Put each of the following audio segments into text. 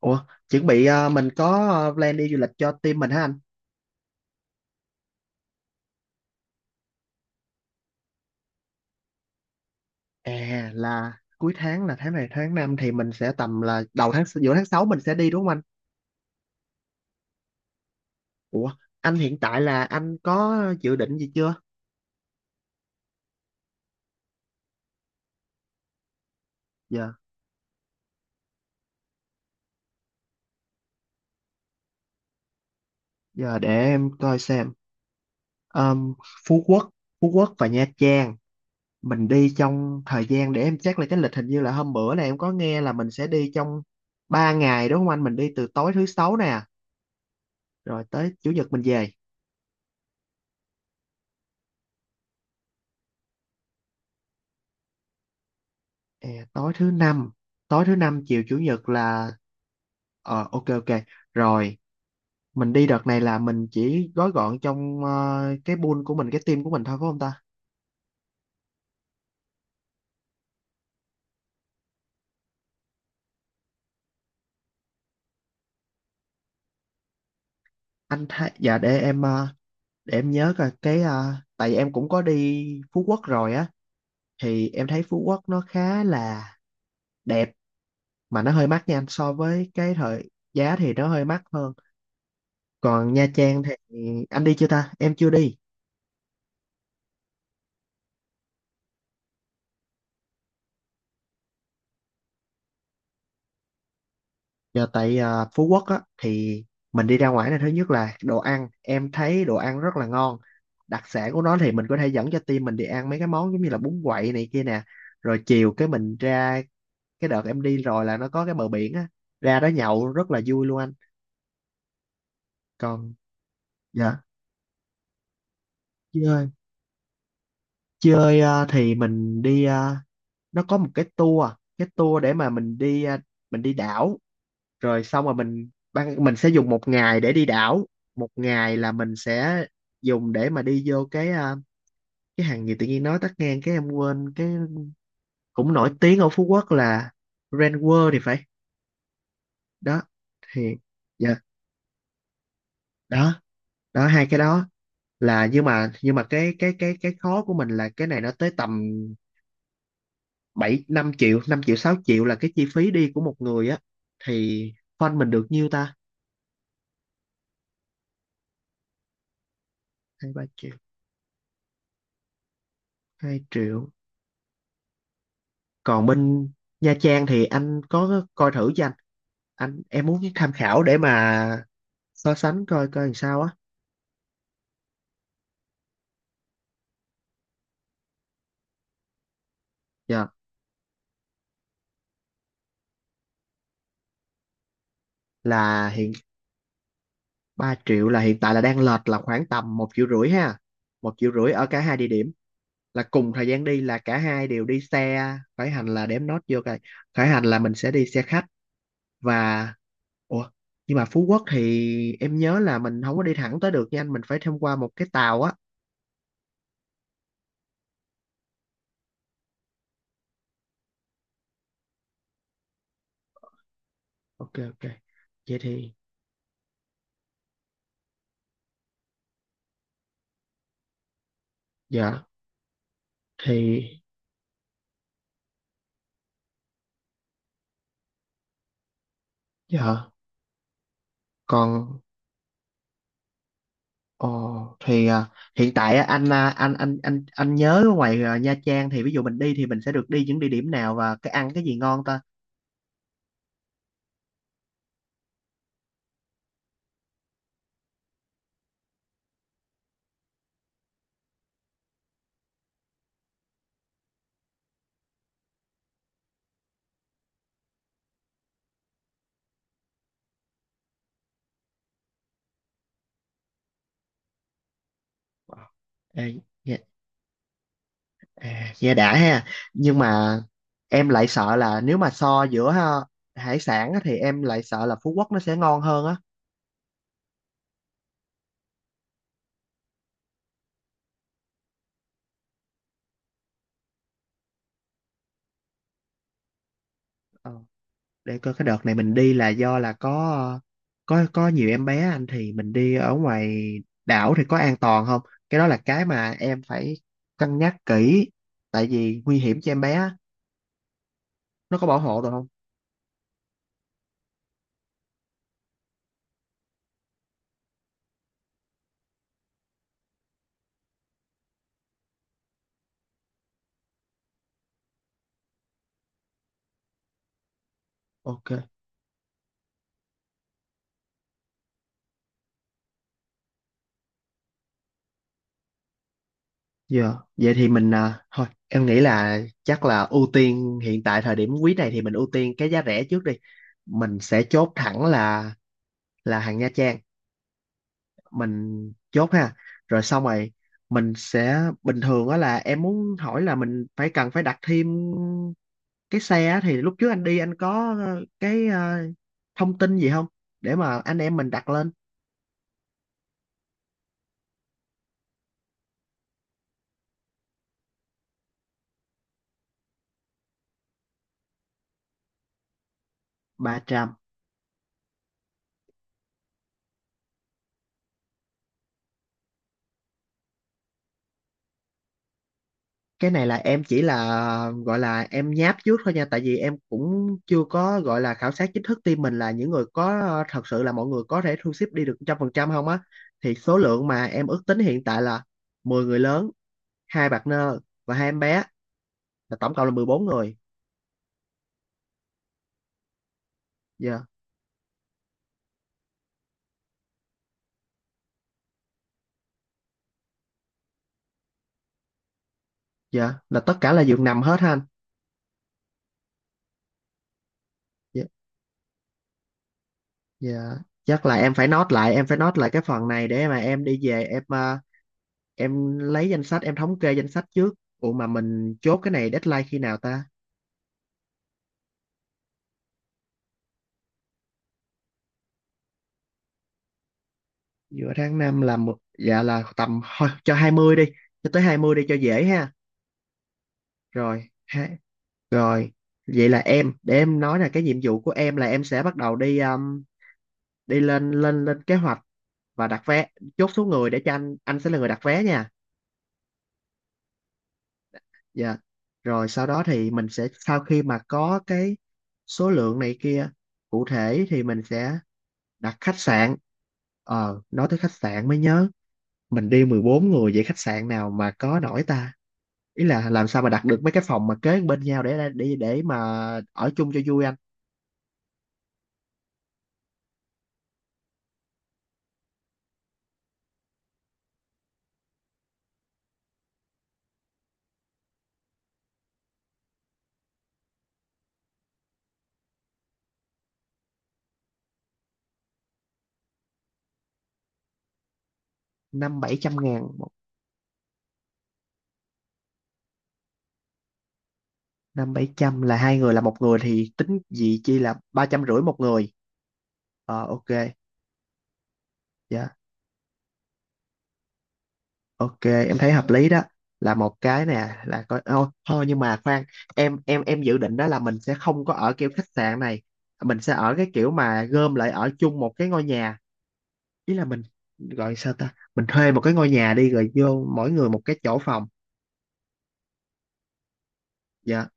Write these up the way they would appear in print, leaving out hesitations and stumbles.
Ủa, chuẩn bị mình có plan đi du lịch cho team mình hả anh? À là cuối tháng là tháng này tháng 5 thì mình sẽ tầm là đầu tháng giữa tháng 6 mình sẽ đi đúng không anh? Ủa, anh hiện tại là anh có dự định gì chưa? Giờ giờ để em coi xem. Ờm, Phú Quốc, Phú Quốc và Nha Trang. Mình đi trong thời gian để em check lại cái lịch, hình như là hôm bữa này em có nghe là mình sẽ đi trong 3 ngày đúng không anh? Mình đi từ tối thứ sáu nè, rồi tới chủ nhật mình về. Ờ, tối thứ năm, tối thứ năm chiều chủ nhật là ờ, ok ok rồi. Mình đi đợt này là mình chỉ gói gọn trong cái pool của mình, cái team của mình thôi phải không ta? Anh thấy dạ để em để em nhớ coi cái tại vì em cũng có đi Phú Quốc rồi á, thì em thấy Phú Quốc nó khá là đẹp mà nó hơi mắc nha anh, so với cái thời giá thì nó hơi mắc hơn. Còn Nha Trang thì anh đi chưa ta, em chưa đi. Giờ tại à, Phú Quốc á thì mình đi ra ngoài này, thứ nhất là đồ ăn, em thấy đồ ăn rất là ngon. Đặc sản của nó thì mình có thể dẫn cho team mình đi ăn mấy cái món giống như là bún quậy này kia nè. Rồi chiều cái mình ra, cái đợt em đi rồi là nó có cái bờ biển á, ra đó nhậu rất là vui luôn anh. Còn dạ, chơi, chơi à, thì mình đi à, nó có một cái tour để mà mình đi à, mình đi đảo, rồi xong rồi mình ban mình sẽ dùng một ngày để đi đảo, một ngày là mình sẽ dùng để mà đi vô cái cái hàng gì tự nhiên nói tắt ngang cái em quên, cái cũng nổi tiếng ở Phú Quốc là Grand World thì phải. Đó thì dạ, đó đó hai cái đó. Là nhưng mà cái khó của mình là cái này nó tới tầm 7 5 triệu, 5 triệu 6 triệu là cái chi phí đi của một người á. Thì fund mình được nhiêu ta? 2 3 triệu, 2 triệu. Còn bên Nha Trang thì anh có coi thử cho anh em muốn tham khảo để mà so sánh coi coi làm sao á. Dạ là hiện ba triệu là hiện tại là đang lệch là khoảng tầm 1,5 triệu ha, 1,5 triệu ở cả hai địa điểm, là cùng thời gian đi, là cả hai đều đi xe khởi hành là đếm nốt vô coi. Khởi hành là mình sẽ đi xe khách. Và ủa, nhưng mà Phú Quốc thì em nhớ là mình không có đi thẳng tới được nha anh, mình phải thông qua một cái tàu á. Ok ok vậy thì dạ, thì dạ còn ồ thì à, hiện tại á, anh à, anh nhớ ở ngoài à, Nha Trang thì ví dụ mình đi thì mình sẽ được đi những địa điểm nào và cái ăn cái gì ngon ta? Ê, nghe, à, nghe đã ha. Nhưng mà em lại sợ là nếu mà so giữa ha, hải sản á, thì em lại sợ là Phú Quốc nó sẽ ngon hơn á. Để coi cái đợt này mình đi là do là có có nhiều em bé anh, thì mình đi ở ngoài đảo thì có an toàn không? Cái đó là cái mà em phải cân nhắc kỹ, tại vì nguy hiểm cho em bé á. Nó có bảo hộ được không? Ok, giờ vậy thì mình à, thôi em nghĩ là chắc là ưu tiên hiện tại thời điểm quý này thì mình ưu tiên cái giá rẻ trước đi. Mình sẽ chốt thẳng là hàng Nha Trang, mình chốt ha. Rồi xong rồi mình sẽ bình thường á, là em muốn hỏi là mình phải cần phải đặt thêm cái xe á, thì lúc trước anh đi anh có cái thông tin gì không để mà anh em mình đặt lên? Bà Tràm, cái này là em chỉ là gọi là em nháp trước thôi nha, tại vì em cũng chưa có gọi là khảo sát chính thức team mình, là những người có thật sự là mọi người có thể thu xếp đi được 100% không á. Thì số lượng mà em ước tính hiện tại là 10 người lớn, hai partner và hai em bé, là tổng cộng là 14 người. Dạ, dạ là tất cả là giường nằm hết ha anh? Dạ, dạ chắc là em phải note lại, em phải note lại cái phần này để mà em đi về em à, em lấy danh sách em thống kê danh sách trước. Ủa mà mình chốt cái này deadline khi nào ta? Giữa tháng 5 là một dạ là tầm thôi cho 20 đi, cho tới 20 đi cho dễ ha. Rồi ha, rồi vậy là em để em nói là cái nhiệm vụ của em là em sẽ bắt đầu đi đi lên lên lên kế hoạch và đặt vé, chốt số người để cho anh sẽ là người đặt vé nha. Dạ rồi sau đó thì mình sẽ sau khi mà có cái số lượng này kia cụ thể thì mình sẽ đặt khách sạn. Ờ, nói tới khách sạn mới nhớ, mình đi 14 người vậy khách sạn nào mà có nổi ta? Ý là làm sao mà đặt được mấy cái phòng mà kế bên nhau để để mà ở chung cho vui anh. Năm bảy trăm ngàn một. Năm bảy trăm là hai người, là một người thì tính gì chi là 350 một người. Ờ, ok. Dạ. Ok, em thấy hợp lý đó. Là một cái nè, là coi ô, thôi nhưng mà khoan, em dự định đó là mình sẽ không có ở kiểu khách sạn này. Mình sẽ ở cái kiểu mà gom lại ở chung một cái ngôi nhà. Ý là mình gọi sao ta? Mình thuê một cái ngôi nhà đi rồi vô mỗi người một cái chỗ phòng. Dạ.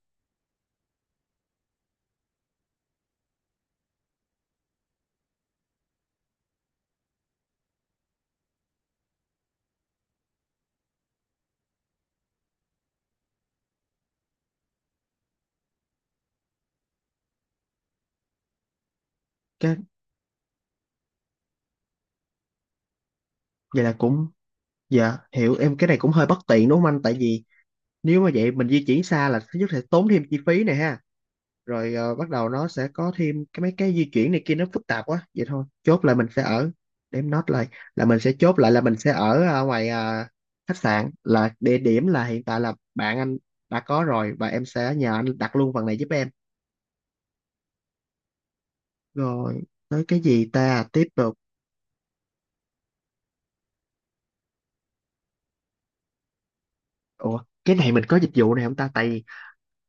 Cái vậy là cũng dạ, hiểu, em cái này cũng hơi bất tiện đúng không anh? Tại vì nếu mà vậy mình di chuyển xa là thứ nhất sẽ tốn thêm chi phí này ha. Rồi ờ, bắt đầu nó sẽ có thêm cái mấy cái di chuyển này kia nó phức tạp quá, vậy thôi chốt là mình sẽ ở, để em note lại là mình sẽ chốt lại là mình sẽ ở ngoài khách sạn, là địa điểm là hiện tại là bạn anh đã có rồi và em sẽ nhờ anh đặt luôn phần này giúp em. Rồi tới cái gì ta, tiếp tục. Ủa cái này mình có dịch vụ này không ta, tại vì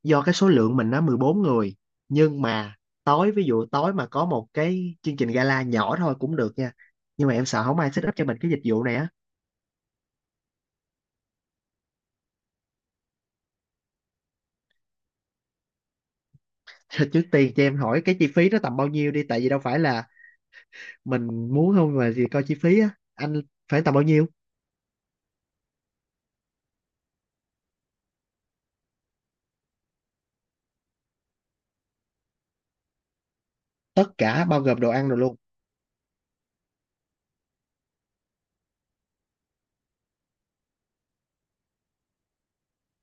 do cái số lượng mình nó 14 người, nhưng mà tối ví dụ tối mà có một cái chương trình gala nhỏ thôi cũng được nha, nhưng mà em sợ không ai set up cho mình cái dịch vụ này á. Thì trước tiên cho em hỏi cái chi phí nó tầm bao nhiêu đi, tại vì đâu phải là mình muốn không mà gì, coi chi phí á anh, phải tầm bao nhiêu? Tất cả bao gồm đồ ăn rồi luôn?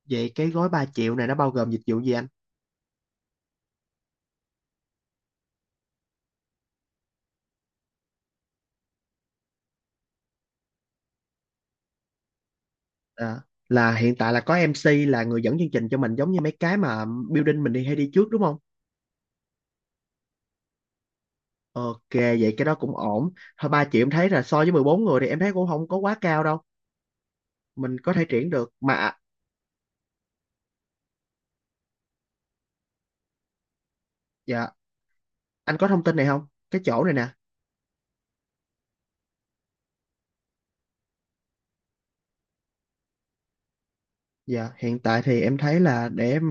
Vậy cái gói 3 triệu này nó bao gồm dịch vụ gì anh? À, là hiện tại là có MC là người dẫn chương trình cho mình giống như mấy cái mà building mình đi hay đi trước đúng không? Ok, vậy cái đó cũng ổn. Thôi 3 triệu em thấy là so với 14 người thì em thấy cũng không có quá cao đâu, mình có thể triển được mà. Dạ, anh có thông tin này không, cái chỗ này nè? Dạ, hiện tại thì em thấy là để em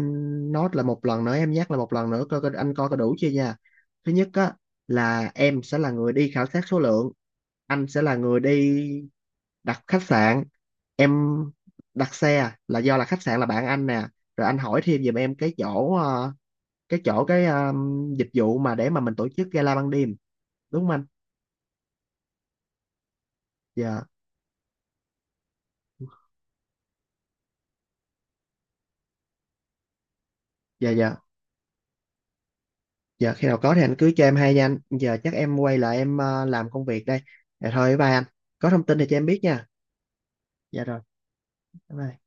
nốt là một lần nữa, em nhắc là một lần nữa coi coi anh coi có đủ chưa nha. Thứ nhất á là em sẽ là người đi khảo sát số lượng, anh sẽ là người đi đặt khách sạn, em đặt xe à, là do là khách sạn là bạn anh nè, rồi anh hỏi thêm giùm em cái chỗ cái chỗ cái dịch vụ mà để mà mình tổ chức gala ban đêm, đúng không anh? Dạ, dạ dạ. Dạ khi nào có thì anh cứ cho em hay nha anh. Giờ chắc em quay lại em làm công việc đây. Dạ thôi bye anh. Có thông tin thì cho em biết nha. Dạ rồi, bye bye.